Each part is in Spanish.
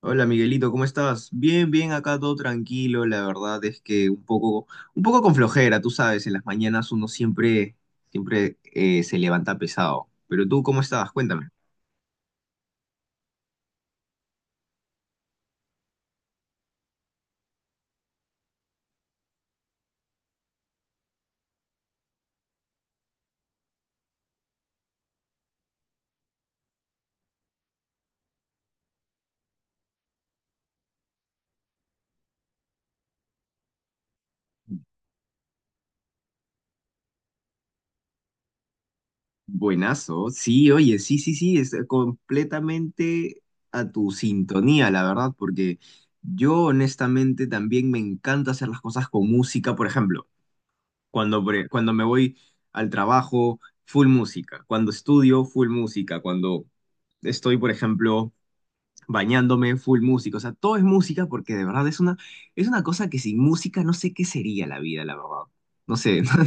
Hola Miguelito, ¿cómo estás? Bien, bien, acá todo tranquilo, la verdad es que un poco con flojera, tú sabes, en las mañanas uno siempre, se levanta pesado. Pero tú, ¿cómo estás? Cuéntame. Buenazo, sí, oye, sí, sí, sí, es completamente a tu sintonía, la verdad, porque yo honestamente también me encanta hacer las cosas con música, por ejemplo. Cuando me voy al trabajo, full música. Cuando estudio, full música. Cuando estoy, por ejemplo, bañándome, full música. O sea, todo es música porque de verdad es una cosa que sin música no sé qué sería la vida, la verdad. No sé.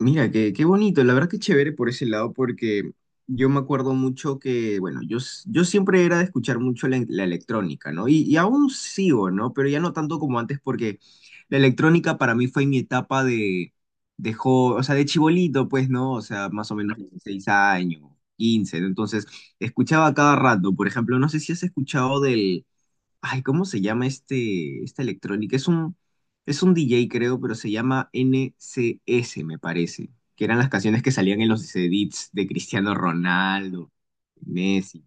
Mira, qué bonito, la verdad que chévere por ese lado, porque yo me acuerdo mucho que, bueno, yo siempre era de escuchar mucho la electrónica, ¿no? Y aún sigo, ¿no? Pero ya no tanto como antes, porque la electrónica para mí fue mi etapa de, o sea, de chibolito, pues, ¿no? O sea, más o menos 16 años, 15, ¿no? Entonces, escuchaba cada rato, por ejemplo, no sé si has escuchado del. Ay, ¿cómo se llama este, esta electrónica? Es un DJ, creo, pero se llama NCS, me parece. Que eran las canciones que salían en los edits de Cristiano Ronaldo, Messi.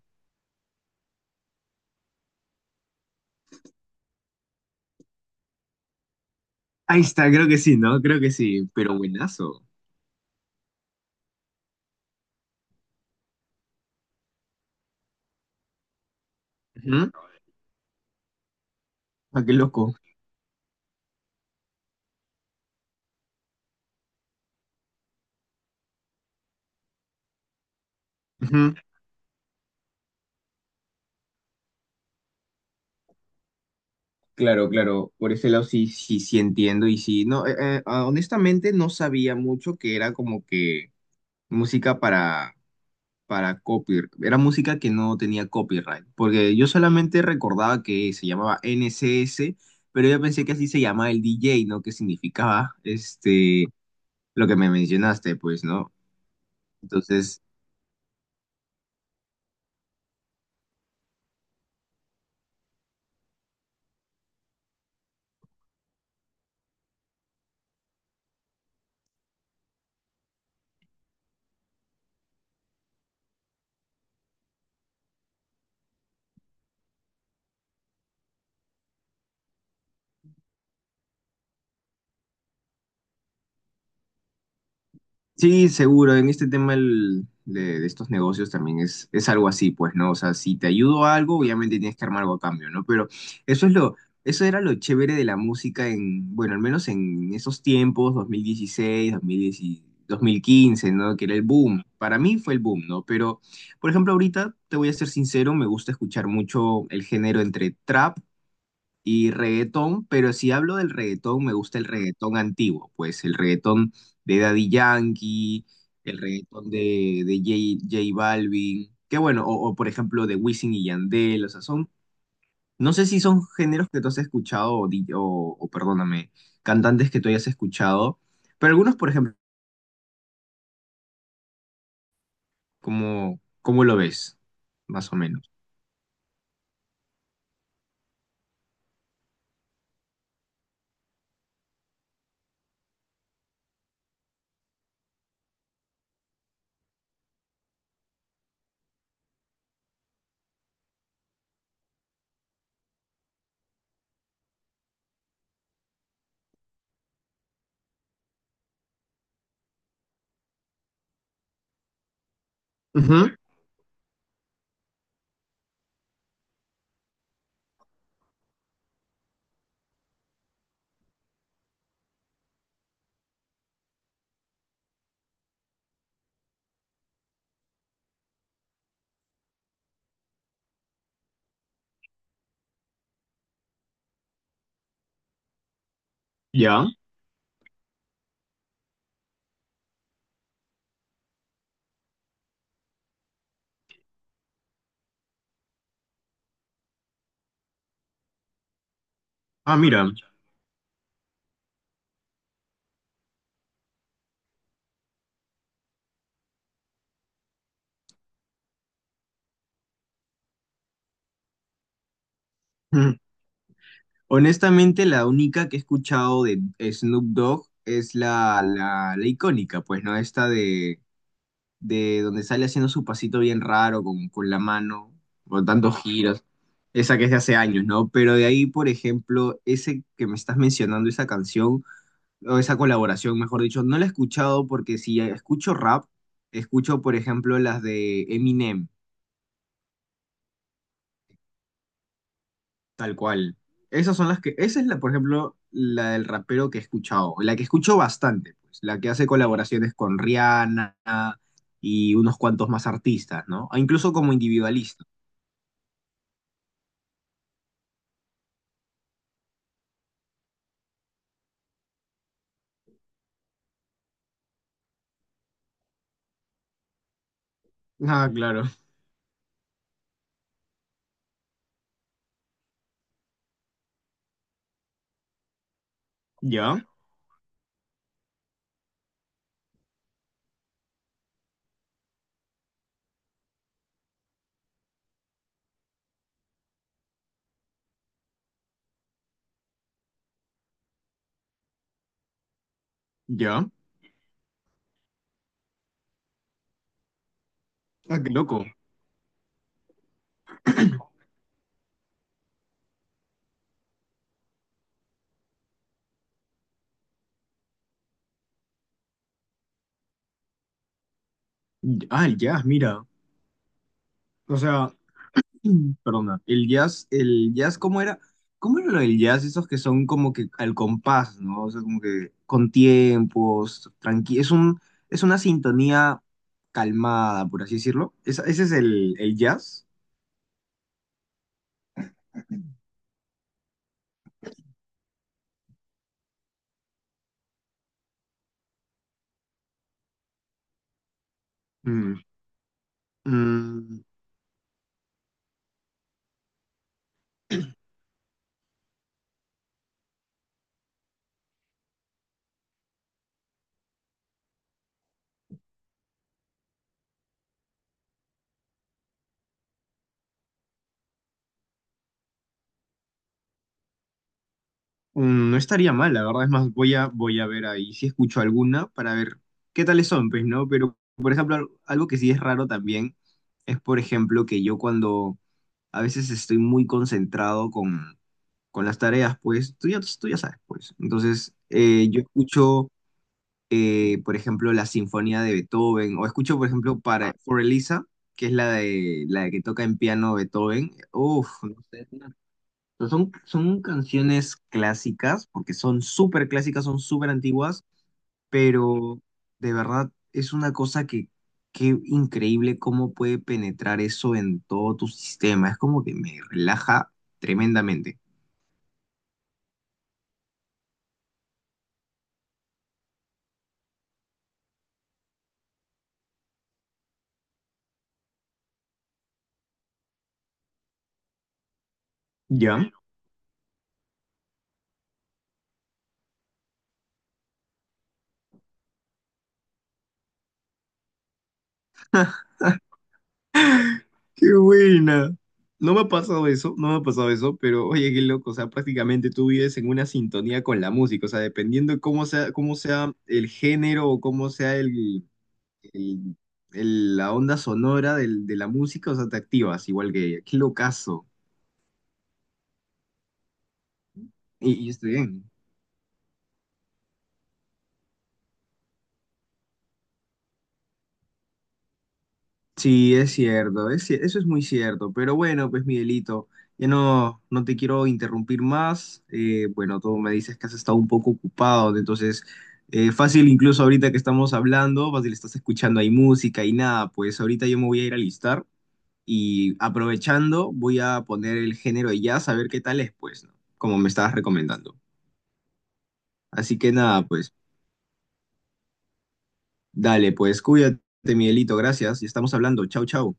Ahí está, creo que sí, ¿no? Creo que sí, pero buenazo. Ujú. Ah, qué loco. Ujú. Claro, claro, por ese lado sí, sí, sí, entiendo. Y sí, no, honestamente no sabía mucho que era como que música para copyright. Era música que no tenía copyright, porque yo solamente recordaba que se llamaba N C S, pero yo pensé que así se llamaba el D J, ¿no? Que significaba este, lo que me mencionaste, pues, ¿no? Entonces. Sí, seguro. En este tema de estos negocios también es algo así, pues, ¿no? O sea, si te ayudo a algo, obviamente tienes que armar algo a cambio, ¿no? Pero eso es lo, eso era lo chévere de la música en, bueno, al menos en esos tiempos, dos mil dieciséis, 2010, 2015, ¿no? Que era el boom. Para mí fue el boom, ¿no? Pero, por ejemplo, ahorita, te voy a ser sincero, me gusta escuchar mucho el género entre trap y reggaetón, pero si hablo del reggaetón, me gusta el reggaetón antiguo, pues el reggaetón de Daddy Yankee, el reggaetón de J Balvin, que bueno, o por ejemplo de Wisin y Yandel, o sea, son, no sé si son géneros que tú has escuchado, o, di- o, perdóname, cantantes que tú hayas escuchado, pero algunos, por ejemplo, como, ¿cómo lo ves? Más o menos. Ujú. ¿Ya? Ah, mira. Honestamente, la única que he escuchado de Snoop Dogg es la icónica, pues, ¿no? Esta de donde sale haciendo su pasito bien raro con, la mano, con tantos giros. Esa que es de hace años, ¿no? Pero de ahí, por ejemplo, ese que me estás mencionando, esa canción, o esa colaboración, mejor dicho, no la he escuchado porque si escucho rap, escucho, por ejemplo, las de Eminem. Tal cual. Esas son las que, esa es la, por ejemplo, la del rapero que he escuchado, la que escucho bastante, pues, la que hace colaboraciones con Rihanna y unos cuantos más artistas, ¿no? Ah, incluso como individualista. Ah, claro. Ya, ya. Ah, qué loco. Ah, ya, mira. O sea, perdona, el jazz, ¿cómo era? ¿Cómo era lo del jazz? Esos que son como que al compás, ¿no? O sea, como que con tiempos, tranqui, es una sintonía calmada, por así decirlo. Ese es el jazz. Mm, mm, no estaría mal, la verdad. Es más, voy a ver ahí si escucho alguna para ver qué tales son, pues, ¿no? Pero, por ejemplo, algo que sí es raro también es, por ejemplo, que yo cuando a veces estoy muy concentrado con las tareas, pues tú ya sabes, pues. Entonces, yo escucho, por ejemplo, la Sinfonía de Beethoven, o escucho, por ejemplo, para For Elisa, que es la de la que toca en piano Beethoven. Uf, no sé, son canciones clásicas, porque son súper clásicas, son súper antiguas, pero de verdad es una cosa que, qué increíble cómo puede penetrar eso en todo tu sistema. Es como que me relaja tremendamente. ¿Ya? Qué buena. No me ha pasado eso, no me ha pasado eso, pero oye, qué loco, o sea, prácticamente tú vives en una sintonía con la música, o sea, dependiendo de cómo sea el género o cómo sea el- la onda sonora de la música, o sea, te activas igual que ella. Qué locazo. Y está bien. Sí, es cierto, eso es muy cierto. Pero bueno, pues Miguelito, ya no, no te quiero interrumpir más. Bueno, tú me dices que has estado un poco ocupado, entonces fácil incluso ahorita que estamos hablando, fácil estás escuchando ahí música y nada, pues ahorita yo me voy a ir a listar y aprovechando voy a poner el género de jazz a ver qué tal es, pues, ¿no? Como me estabas recomendando. Así que nada, pues dale, pues cuídate, Miguelito, gracias y estamos hablando. Chau, chau.